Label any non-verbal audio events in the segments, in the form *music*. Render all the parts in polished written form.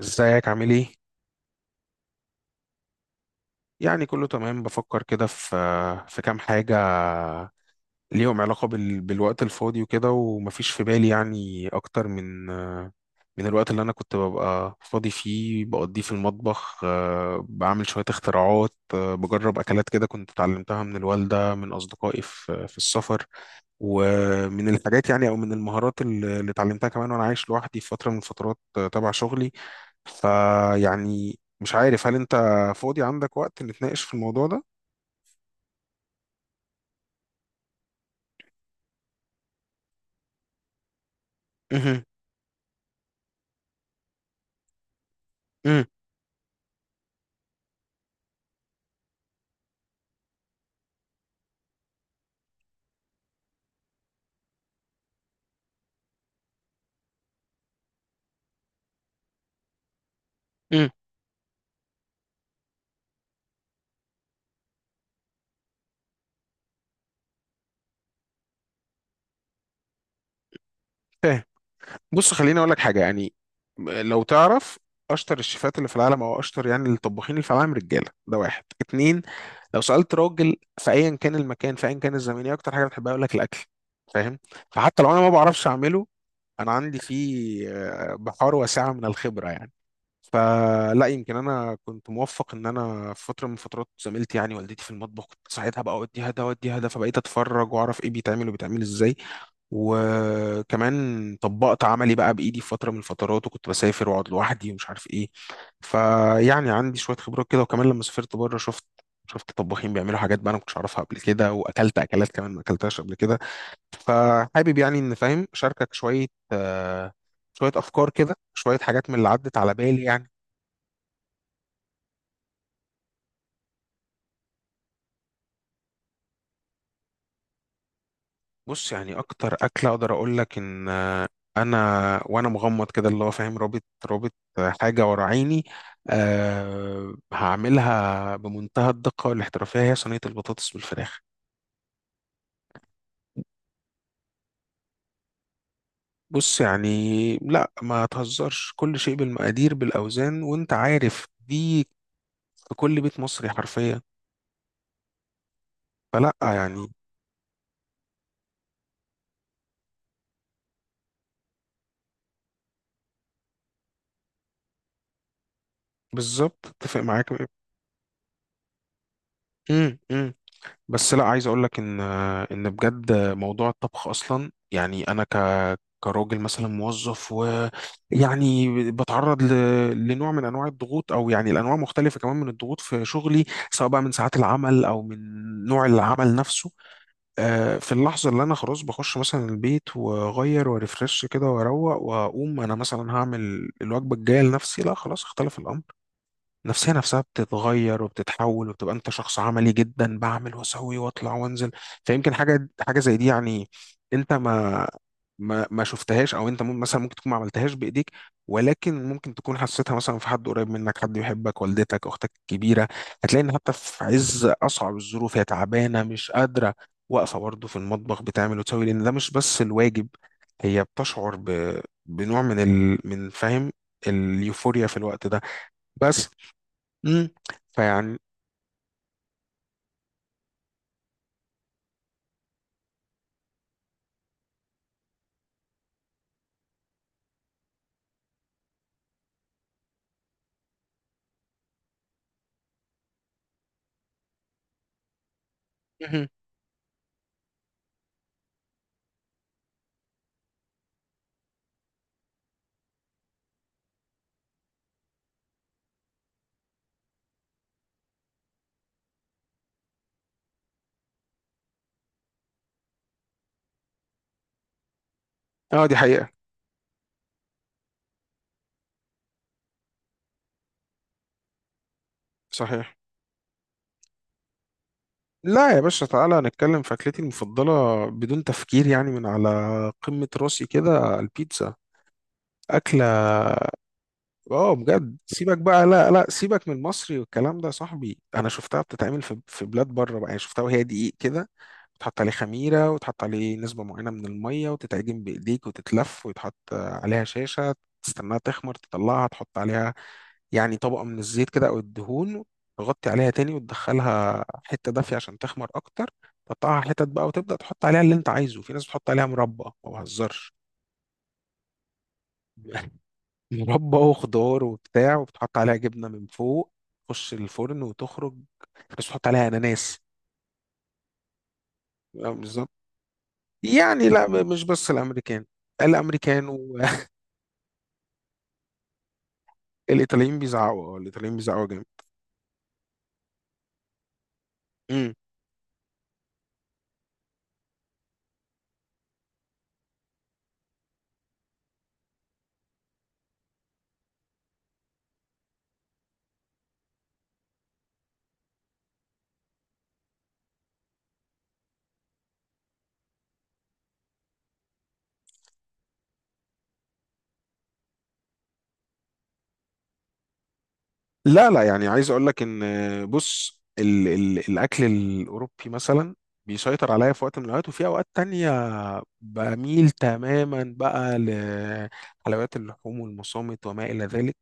ازيك عامل ايه؟ يعني كله تمام، بفكر كده في كام حاجة ليهم علاقة بالوقت الفاضي وكده، ومفيش في بالي يعني أكتر من الوقت اللي أنا كنت ببقى فاضي فيه، بقضيه في المطبخ. بعمل شوية اختراعات. بجرب أكلات كده كنت اتعلمتها من الوالدة، من أصدقائي في السفر. ومن الحاجات يعني، أو من المهارات اللي اتعلمتها كمان وأنا عايش لوحدي في فترة من الفترات، تبع شغلي. فيعني مش عارف، هل انت فاضي عندك وقت نتناقش في الموضوع ده؟ مهم. مم. مم. فاهم. بص، خليني اقول لك حاجه يعني. لو تعرف اشطر الشيفات اللي في العالم، او اشطر يعني الطباخين اللي في العالم، رجاله ده واحد اتنين. لو سالت راجل في ايا كان المكان، في ايا كان الزمن، ايه اكتر حاجه بتحبها؟ يقول لك الاكل. فاهم؟ فحتى لو انا ما بعرفش اعمله، انا عندي فيه بحار واسعه من الخبره يعني. فلا يمكن انا كنت موفق، ان انا في فتره من فترات زميلتي يعني والدتي في المطبخ، كنت ساعتها بقى اوديها ده اوديها ده، فبقيت اتفرج واعرف ايه بيتعمل وبيتعمل ازاي. وكمان طبقت عملي بقى بايدي في فتره من الفترات، وكنت بسافر واقعد لوحدي ومش عارف ايه. فيعني عندي شويه خبرات كده. وكمان لما سافرت بره، شفت طباخين بيعملوا حاجات بقى انا ما كنتش اعرفها قبل كده، واكلت اكلات كمان ما اكلتهاش قبل كده. فحابب يعني ان، فاهم، اشاركك شويه. آه، شويه افكار كده، شويه حاجات من اللي عدت على بالي يعني. بص، يعني اكتر اكله اقدر اقول لك ان انا، وانا مغمض كده، اللي هو فاهم، رابط حاجه ورا عيني، أه، هعملها بمنتهى الدقه والاحترافيه، هي صينيه البطاطس بالفراخ. بص يعني، لا ما تهزرش، كل شيء بالمقادير بالاوزان وانت عارف دي. في كل بيت مصري حرفيا. فلا يعني. بالظبط، اتفق معاك. امم، إمم. بس لا، عايز اقول لك ان ان بجد موضوع الطبخ اصلا، يعني انا ك، كراجل مثلا موظف، ويعني بتعرض لنوع من انواع الضغوط، او يعني الانواع مختلفه كمان من الضغوط في شغلي، سواء بقى من ساعات العمل او من نوع العمل نفسه. في اللحظه اللي انا خلاص بخش مثلا البيت، واغير وريفرش كده واروق، واقوم انا مثلا هعمل الوجبه الجايه لنفسي، لا خلاص اختلف الامر. النفسية نفسها بتتغير وبتتحول، وبتبقى انت شخص عملي جدا، بعمل واسوي واطلع وانزل. فيمكن حاجة زي دي يعني، انت ما شفتهاش، او انت مثلا ممكن تكون ما عملتهاش بايديك، ولكن ممكن تكون حسيتها مثلا في حد قريب منك، حد يحبك، والدتك، اختك الكبيرة. هتلاقي ان حتى في عز اصعب الظروف، هي تعبانة مش قادرة، واقفة برضه في المطبخ بتعمل وتسوي، لان ده مش بس الواجب، هي بتشعر بنوع من من، فاهم، اليوفوريا في الوقت ده. بس، امم فيعني. مهم. اه دي حقيقة. صحيح. لا يا باشا، تعالى نتكلم في أكلتي المفضلة. بدون تفكير يعني، من على قمة راسي كده، البيتزا. أكلة. اه بجد، سيبك بقى، لا سيبك من المصري والكلام ده، يا صاحبي. أنا شفتها بتتعمل في بلاد بره بقى. يعني شفتها وهي دقيق كده، تحط عليه خميرة، وتحط عليه نسبة معينة من المية، وتتعجن بإيديك، وتتلف، ويتحط عليها شاشة. تستناها تخمر، تطلعها، تحط عليها يعني طبقة من الزيت كده أو الدهون، تغطي عليها تاني، وتدخلها حتة دافية عشان تخمر أكتر. تقطعها حتت بقى، وتبدأ تحط عليها اللي أنت عايزه. في ناس بتحط عليها مربى، ما بهزرش. *laughs* مربى وخضار وبتاع، وبتحط عليها جبنة من فوق، تخش الفرن وتخرج. بس بتحط عليها أناناس. لا، بالظبط. يعني لا، مش بس الأمريكان. الأمريكان والإيطاليين *laughs* بيزعقوا. الإيطاليين بيزعقوا جامد. إمم. لا لا يعني، عايز اقول لك ان، بص ال ال الاكل الاوروبي مثلا بيسيطر عليا في وقت من الاوقات، وفي اوقات تانية بميل تماما بقى لحلويات اللحوم والمصامت وما الى ذلك.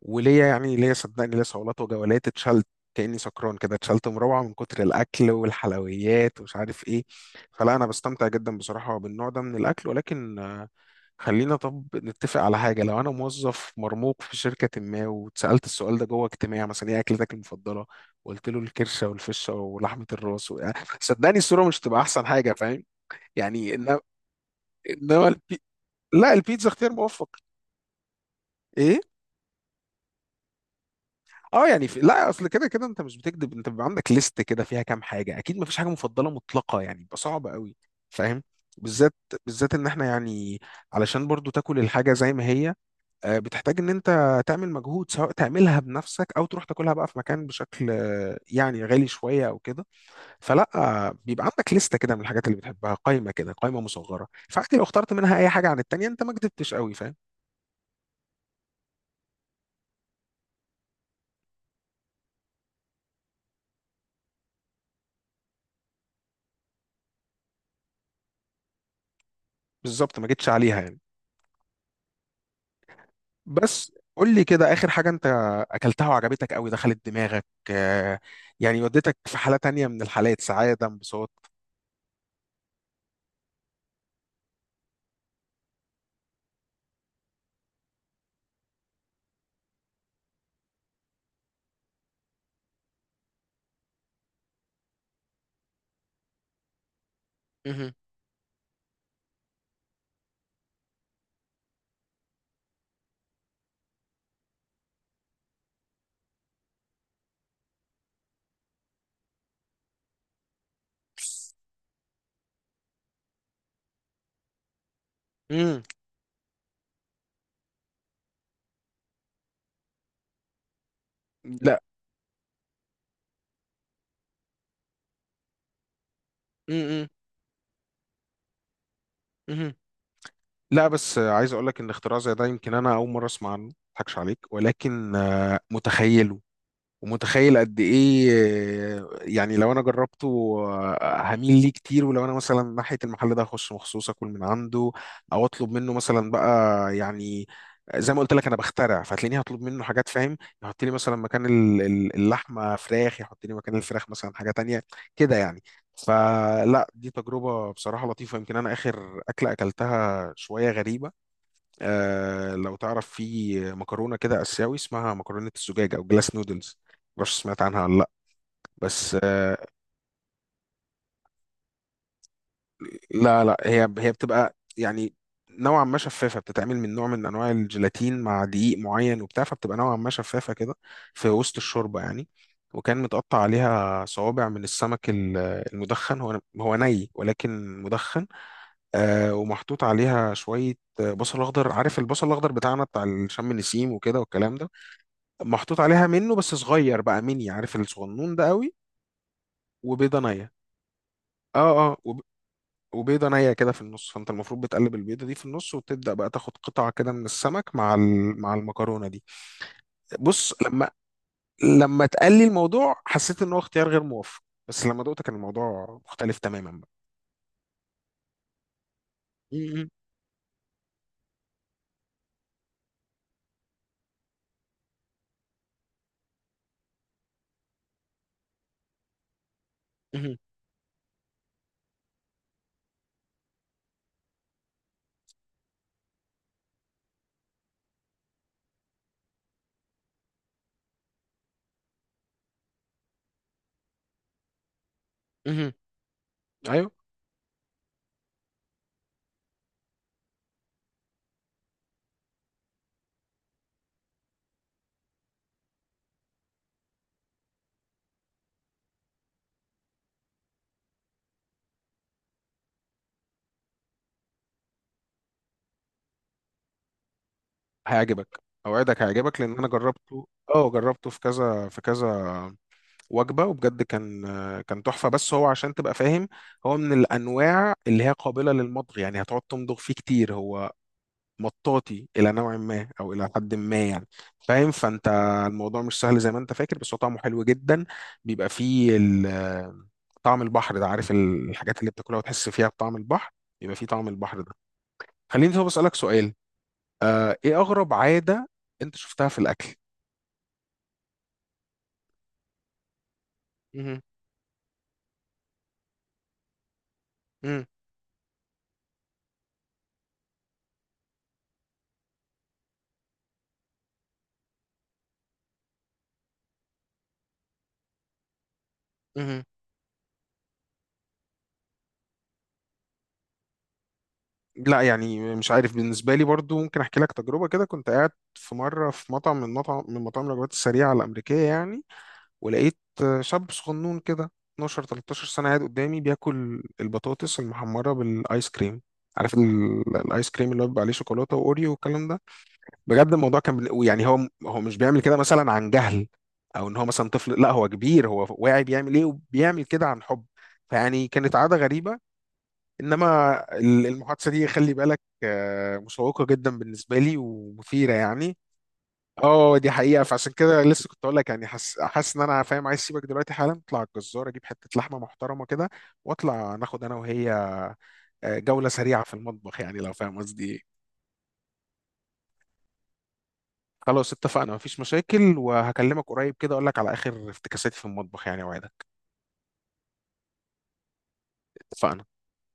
وليا يعني، ليا صدقني، ليا صولات وجولات، اتشلت كاني سكران كده، اتشلت مروعه من كتر الاكل والحلويات ومش عارف ايه. فلا، انا بستمتع جدا بصراحه بالنوع ده من الاكل، ولكن خلينا طب نتفق على حاجة. لو أنا موظف مرموق في شركة ما، واتسألت السؤال ده جوه اجتماع مثلا، إيه أكلتك المفضلة؟ وقلت له الكرشة والفشة ولحمة الراس *laughs* صدقني الصورة مش هتبقى أحسن حاجة، فاهم؟ يعني إنما، إنما البي... لا، البيتزا اختيار موفق. إيه؟ أه، يعني لا، أصل كده كده أنت مش بتكذب، أنت بيبقى عندك ليست كده فيها كام حاجة أكيد، مفيش حاجة مفضلة مطلقة يعني، بيبقى صعب قوي، فاهم؟ بالذات، بالذات إن إحنا يعني، علشان برضو تاكل الحاجة زي ما هي، بتحتاج ان انت تعمل مجهود، سواء تعملها بنفسك او تروح تاكلها بقى في مكان بشكل يعني غالي شويه او كده. فلا، بيبقى عندك لسته كده من الحاجات اللي بتحبها، قائمه كده قائمه مصغره، فعادي لو اخترت منها اي حاجه عن التانيه انت ما كدبتش قوي، فاهم. بالظبط، ما جيتش عليها يعني. بس قول لي كده، اخر حاجه انت اكلتها وعجبتك قوي، دخلت دماغك، آه، يعني وديتك في حاله تانيه من الحالات، سعاده، انبساط. مهم. مم. لا. مم. مم. لا بس عايز اقول لك ان اختراع زي ده، يمكن انا اول مره اسمع عنه، ما اضحكش عليك، ولكن متخيله. ومتخيل قد ايه يعني لو انا جربته هميل ليه كتير. ولو انا مثلا ناحيه المحل ده هخش مخصوص اكل من عنده، او اطلب منه مثلا بقى يعني، زي ما قلت لك انا بخترع، فهتلاقيني هطلب منه حاجات، فاهم، يحط لي مثلا مكان اللحمه فراخ، يحط لي مكان الفراخ مثلا حاجه تانية كده يعني. فلا دي تجربه بصراحه لطيفه. يمكن انا اخر اكله اكلتها شويه غريبه. آه، لو تعرف، في مكرونه كده اسيوي، اسمها مكرونه الزجاج او جلاس نودلز، معرفش سمعت عنها ولا لا. بس آه، لا هي بتبقى يعني نوعا ما شفافه، بتتعمل من نوع من انواع الجيلاتين مع دقيق معين وبتاع، فبتبقى نوعا ما شفافه كده في وسط الشوربه يعني. وكان متقطع عليها صوابع من السمك المدخن، هو ني ولكن مدخن. آه، ومحطوط عليها شويه بصل اخضر. عارف البصل الاخضر بتاعنا بتاع الشم نسيم وكده والكلام ده. محطوط عليها منه بس صغير بقى، ميني. عارف الصغنون ده قوي. وبيضه نيه. اه، اه، وبيضه نيه كده في النص، فانت المفروض بتقلب البيضه دي في النص، وتبدا بقى تاخد قطعه كده من السمك مع مع المكرونه دي. بص لما، لما اتقال لي الموضوع حسيت ان هو اختيار غير موفق، بس لما دقت كان الموضوع مختلف تماما بقى. مم، مم، مم، مم. ايوه، هيعجبك، اوعدك هيعجبك لان انا جربته. اه، جربته في كذا في كذا وجبه، وبجد كان، كان تحفه. بس هو عشان تبقى فاهم، هو من الانواع اللي هي قابله للمضغ يعني، هتقعد تمضغ فيه كتير. هو مطاطي الى نوع ما او الى حد ما يعني. فاهم؟ فانت الموضوع مش سهل زي ما انت فاكر، بس هو طعمه حلو جدا. بيبقى فيه طعم البحر ده. عارف الحاجات اللي بتاكلها وتحس فيها بطعم البحر؟ يبقى فيه طعم البحر ده. خليني طب اسالك سؤال. آه، ايه اغرب عاده انت شفتها في الاكل؟ مهم. مم. مهم. لا يعني، مش عارف، بالنسبة لي برضو ممكن أحكي لك تجربة كده. كنت قاعد في مرة في مطعم، من مطاعم الوجبات السريعة الأمريكية يعني، ولقيت شاب صغنون كده 12 13 سنة قاعد قدامي بياكل البطاطس المحمرة بالآيس كريم. عارف الآيس كريم اللي هو بيبقى عليه شوكولاتة وأوريو والكلام ده. بجد الموضوع كان يعني هو، هو مش بيعمل كده مثلا عن جهل، أو إن هو مثلا طفل، لا هو كبير، هو واعي بيعمل إيه، وبيعمل كده عن حب. فيعني كانت عادة غريبة. انما المحادثه دي خلي بالك، مشوقه جدا بالنسبه لي ومثيره يعني. اه دي حقيقه. فعشان كده لسه كنت اقول لك يعني، حاسس، حاسس ان انا فاهم، عايز اسيبك دلوقتي حالا اطلع على الجزار، اجيب حته لحمه محترمه كده، واطلع ناخد انا وهي جوله سريعه في المطبخ يعني، لو فاهم قصدي ايه. خلاص اتفقنا، مفيش مشاكل، وهكلمك قريب كده، اقول لك على اخر افتكاساتي في المطبخ يعني، وعدك. اتفقنا.